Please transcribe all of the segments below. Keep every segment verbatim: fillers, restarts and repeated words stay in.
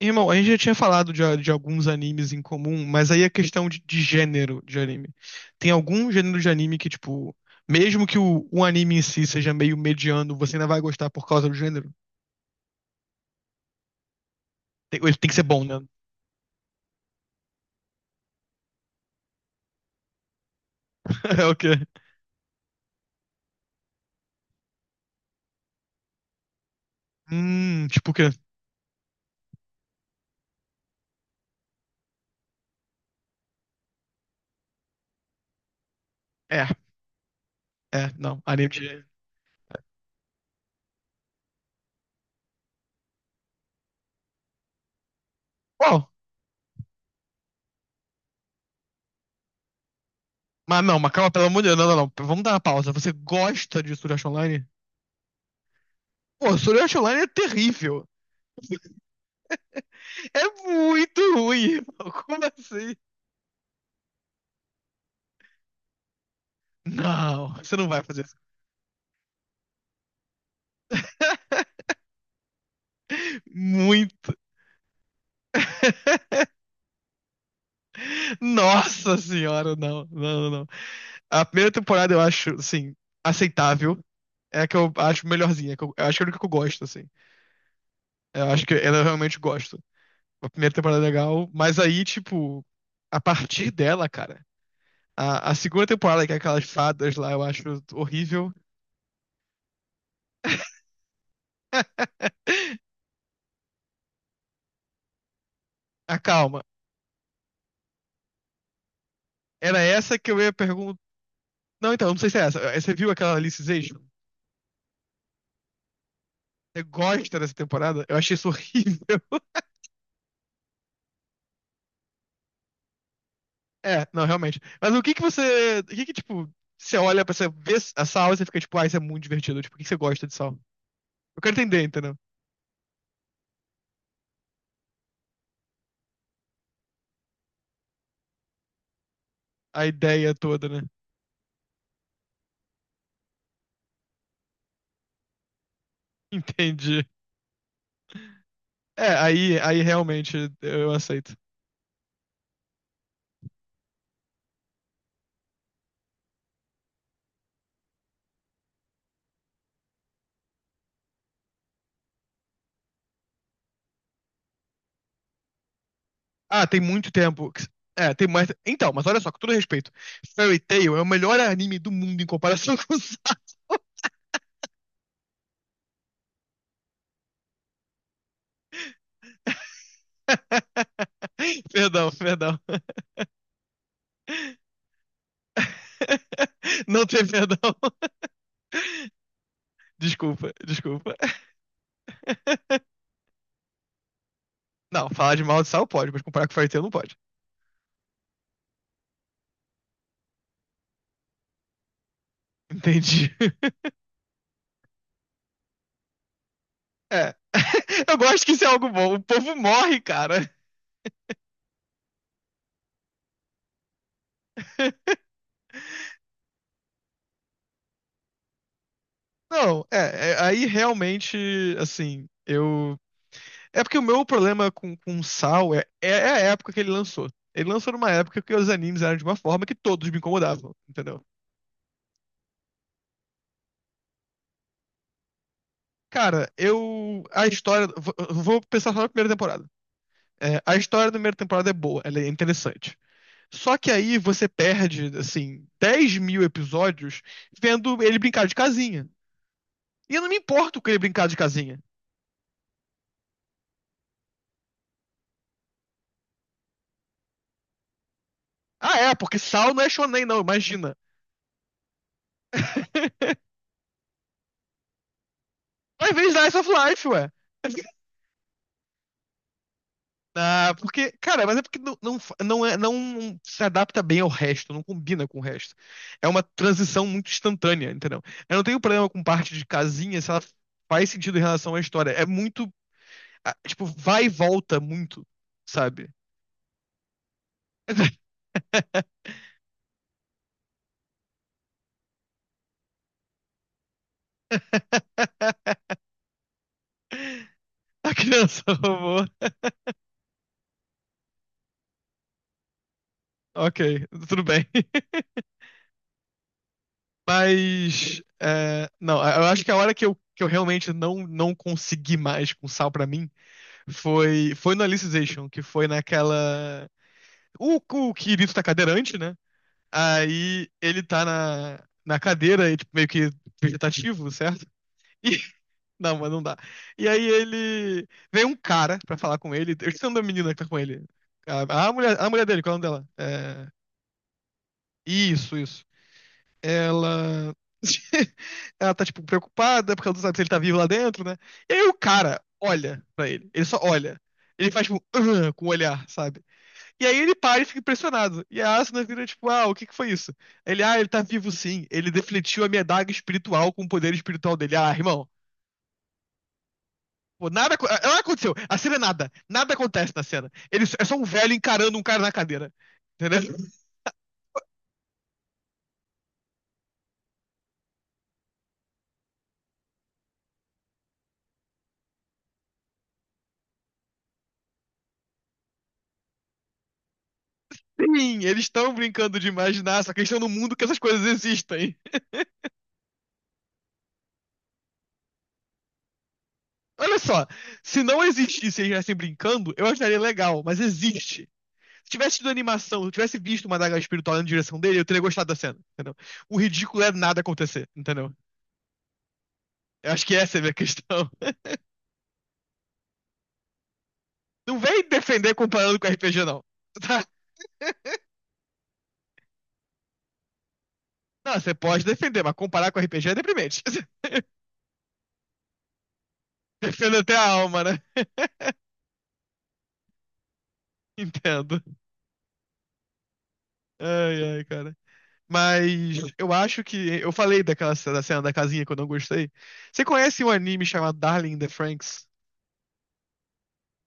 Irmão, a gente já tinha falado de, de alguns animes em comum, mas aí a questão de, de gênero de anime. Tem algum gênero de anime que, tipo, mesmo que o, o anime em si seja meio mediano, você ainda vai gostar por causa do gênero? Tem- ele tem que ser bom, né? É o quê? Hum, tipo o quê? É, é, não, anime de. Uau! Mas não, mas calma, pelo amor de Deus, não, não, não, vamos dar uma pausa. Você gosta de Sword Art Online? Pô, Sword Art Online é terrível. É muito ruim, irmão. Como assim? Não, você não vai fazer isso. Muito. Nossa senhora, não, não, não, não. A primeira temporada eu acho, assim, aceitável. É a que eu acho melhorzinha. que Eu, eu acho que é a única que eu gosto, assim. Eu acho que ela eu realmente gosto. A primeira temporada é legal, mas aí, tipo, a partir dela, cara, a, a segunda temporada, que é aquelas fadas lá, eu acho horrível. Ah, calma. Era essa que eu ia perguntar. Não, então, não sei se é essa. Você viu aquela Alice Zation? Você gosta dessa temporada? Eu achei isso horrível. É, não, realmente. Mas o que que você. O que que, tipo, você olha pra você ver a sal e você fica, tipo, ah, isso é muito divertido. Tipo, o que que você gosta de sal? Eu quero entender, entendeu? A ideia toda, né? Entendi. É, aí, aí realmente eu aceito. Ah, tem muito tempo. que- É, tem mais. Então, mas olha só, com todo respeito, Fairy Tail é o melhor anime do mundo em comparação com o Sal. Perdão, perdão. Não tem perdão. Desculpa, desculpa. Não, falar de maldição pode, mas comparar com Fairy Tail não pode. Entendi. É. Eu gosto que isso é algo bom. O povo morre, cara. Não, é, é, aí realmente, assim, eu. É porque o meu problema com, com Sal é, é é a época que ele lançou. Ele lançou numa época que os animes eram de uma forma que todos me incomodavam, entendeu? Cara, eu. A história. Vou, vou pensar só na primeira temporada. É, a história da primeira temporada é boa, ela é interessante. Só que aí você perde, assim, dez mil episódios vendo ele brincar de casinha. E eu não me importo com ele brincar de casinha. Ah, é, porque Saul não é shonen, não, imagina. Mas vez Slice of Life, ué. Ah, porque, cara, mas é porque não, não, fa- não, é, não se adapta bem ao resto, não combina com o resto. É uma transição muito instantânea, entendeu? Eu não tenho problema com parte de casinha se ela faz sentido em relação à história. É muito ah, tipo, vai e volta muito, sabe? A criança roubou. Ok, tudo bem. Mas, é, não, eu acho que a hora que eu, que eu realmente não, não consegui mais com sal pra mim foi, foi no Alicization, que foi naquela. O, o Kirito tá cadeirante, né? Aí ele tá na, na cadeira, e, tipo, meio que vegetativo, certo? E não, mas não dá. E aí ele. Veio um cara pra falar com ele. Eu esqueci o nome da menina que tá com ele. A, a mulher, a mulher dele, qual é o nome dela? É, isso, isso. Ela. Ela tá, tipo, preocupada porque ela não sabe se ele tá vivo lá dentro, né? E aí o cara olha pra ele. Ele só olha. Ele faz, tipo, "Ah", com o olhar, sabe? E aí ele para e fica impressionado. E a Asuna vira, tipo, ah, o que que foi isso? Ele, ah, ele tá vivo sim. Ele defletiu a minha daga espiritual com o poder espiritual dele. Ah, irmão. Pô, nada, acon- nada aconteceu. A cena é nada. Nada acontece na cena. Eles é só um velho encarando um cara na cadeira. Entendeu? Sim, eles estão brincando de imaginar, só que eles estão num mundo que essas coisas existem. Olha só, se não existisse e eles estivessem brincando, eu acharia legal, mas existe. Se tivesse tido animação, se eu tivesse visto uma daga espiritual na direção dele, eu teria gostado da cena, entendeu? O ridículo é nada acontecer, entendeu? Eu acho que essa é a minha questão. Não vem defender comparando com R P G, não. Tá? Não, você pode defender, mas comparar com R P G é deprimente. Defendo até a alma, né? Entendo. Ai, ai, cara. Mas eu acho que. Eu falei daquela ce- da cena da casinha que eu não gostei. Você conhece um anime chamado Darling in the Franxx?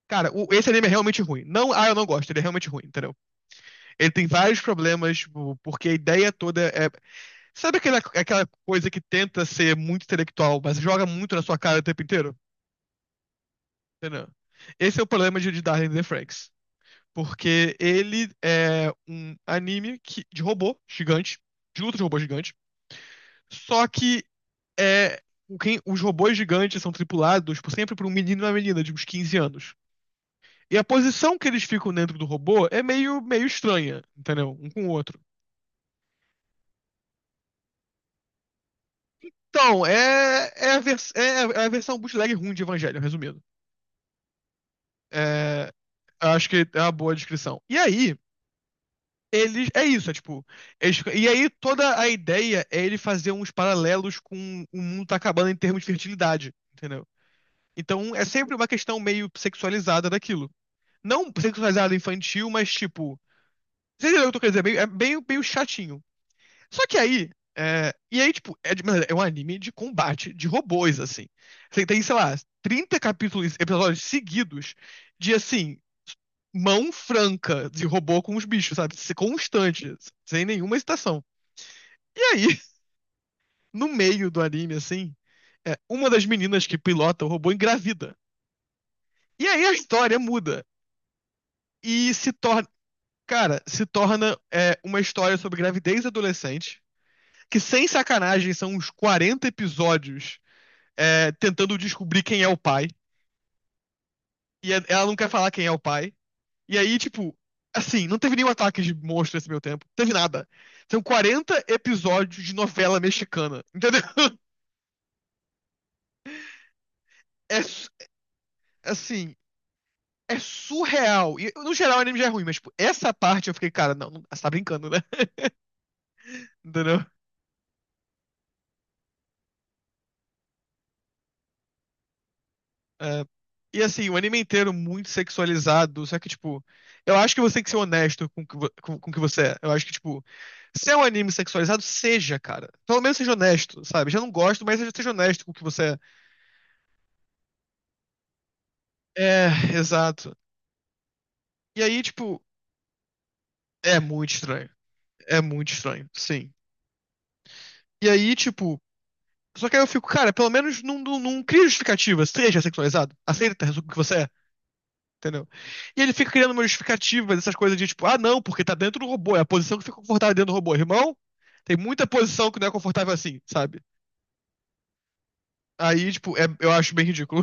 Cara, o- esse anime é realmente ruim. Não, ah, eu não gosto, ele é realmente ruim, entendeu? Ele tem vários problemas, tipo, porque a ideia toda é. Sabe aquela, aquela coisa que tenta ser muito intelectual, mas joga muito na sua cara o tempo inteiro? Entendeu? Esse é o problema de, de Darling in the Franxx. Porque ele é um anime que, de robô gigante, de luta de robô gigante. Só que é, o quem- os robôs gigantes são tripulados por sempre por um menino e uma menina de uns quinze anos. E a posição que eles ficam dentro do robô é meio, meio estranha, entendeu? Um com o outro. Então, é, é, a, vers- é a- é a versão bootleg ruim de Evangelho, resumindo. É, acho que é uma boa descrição. E aí, eles, é isso, é tipo. eles- e aí toda a ideia é ele fazer uns paralelos com o mundo tá acabando em termos de fertilidade, entendeu? Então é sempre uma questão meio sexualizada daquilo. Não sexualizada infantil, mas tipo. Você entendeu o que eu tô querendo dizer? Meio- É meio, meio chatinho. Só que aí. É, e aí, tipo, é, de- mano, é um anime de combate de robôs, assim. Você tem, sei lá, trinta capítulos, episódios seguidos de assim. Mão franca de robô com os bichos, sabe? Constante, sem nenhuma hesitação. E aí, no meio do anime, assim, é, uma das meninas que pilota o robô engravida. E aí a história muda. E se torna. Cara, se torna é, uma história sobre gravidez adolescente, que sem sacanagem são uns quarenta episódios é, tentando descobrir quem é o pai. E é, ela não quer falar quem é o pai. E aí, tipo, assim, não teve nenhum ataque de monstro nesse meio tempo. Não teve nada. São quarenta episódios de novela mexicana, entendeu? É, assim, é surreal. E, no geral, o anime já é ruim, mas, tipo, essa parte eu fiquei, cara, não, não você tá brincando, né? Entendeu? É, e, assim, o anime inteiro muito sexualizado, só que, tipo, eu acho que você tem que ser honesto com o que vo- com, com o que você é. Eu acho que, tipo, se é um anime sexualizado, seja, cara. Pelo menos seja honesto, sabe? Já não gosto, mas seja, seja honesto com o que você é. É, exato. E aí, tipo, é muito estranho. É muito estranho, sim. E aí, tipo, só que aí eu fico, cara, pelo menos não, não, não cria justificativa, seja sexualizado. Aceita o que você é. Entendeu? E ele fica criando uma justificativa dessas coisas de tipo, ah, não, porque tá dentro do robô, é a posição que fica confortável dentro do robô. Irmão, tem muita posição que não é confortável assim, sabe? Aí, tipo, é- eu acho bem ridículo.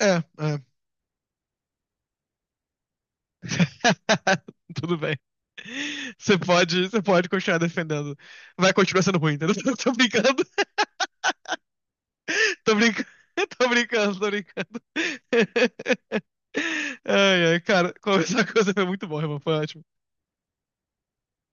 É, é, é. Tudo bem. Você pode, você pode continuar defendendo. Vai continuar sendo ruim, entendeu? Tô brincando, tô brincando, tô brincando, tô brincando. Ai, ai, cara, conversar com você foi muito bom, irmão. Foi ótimo.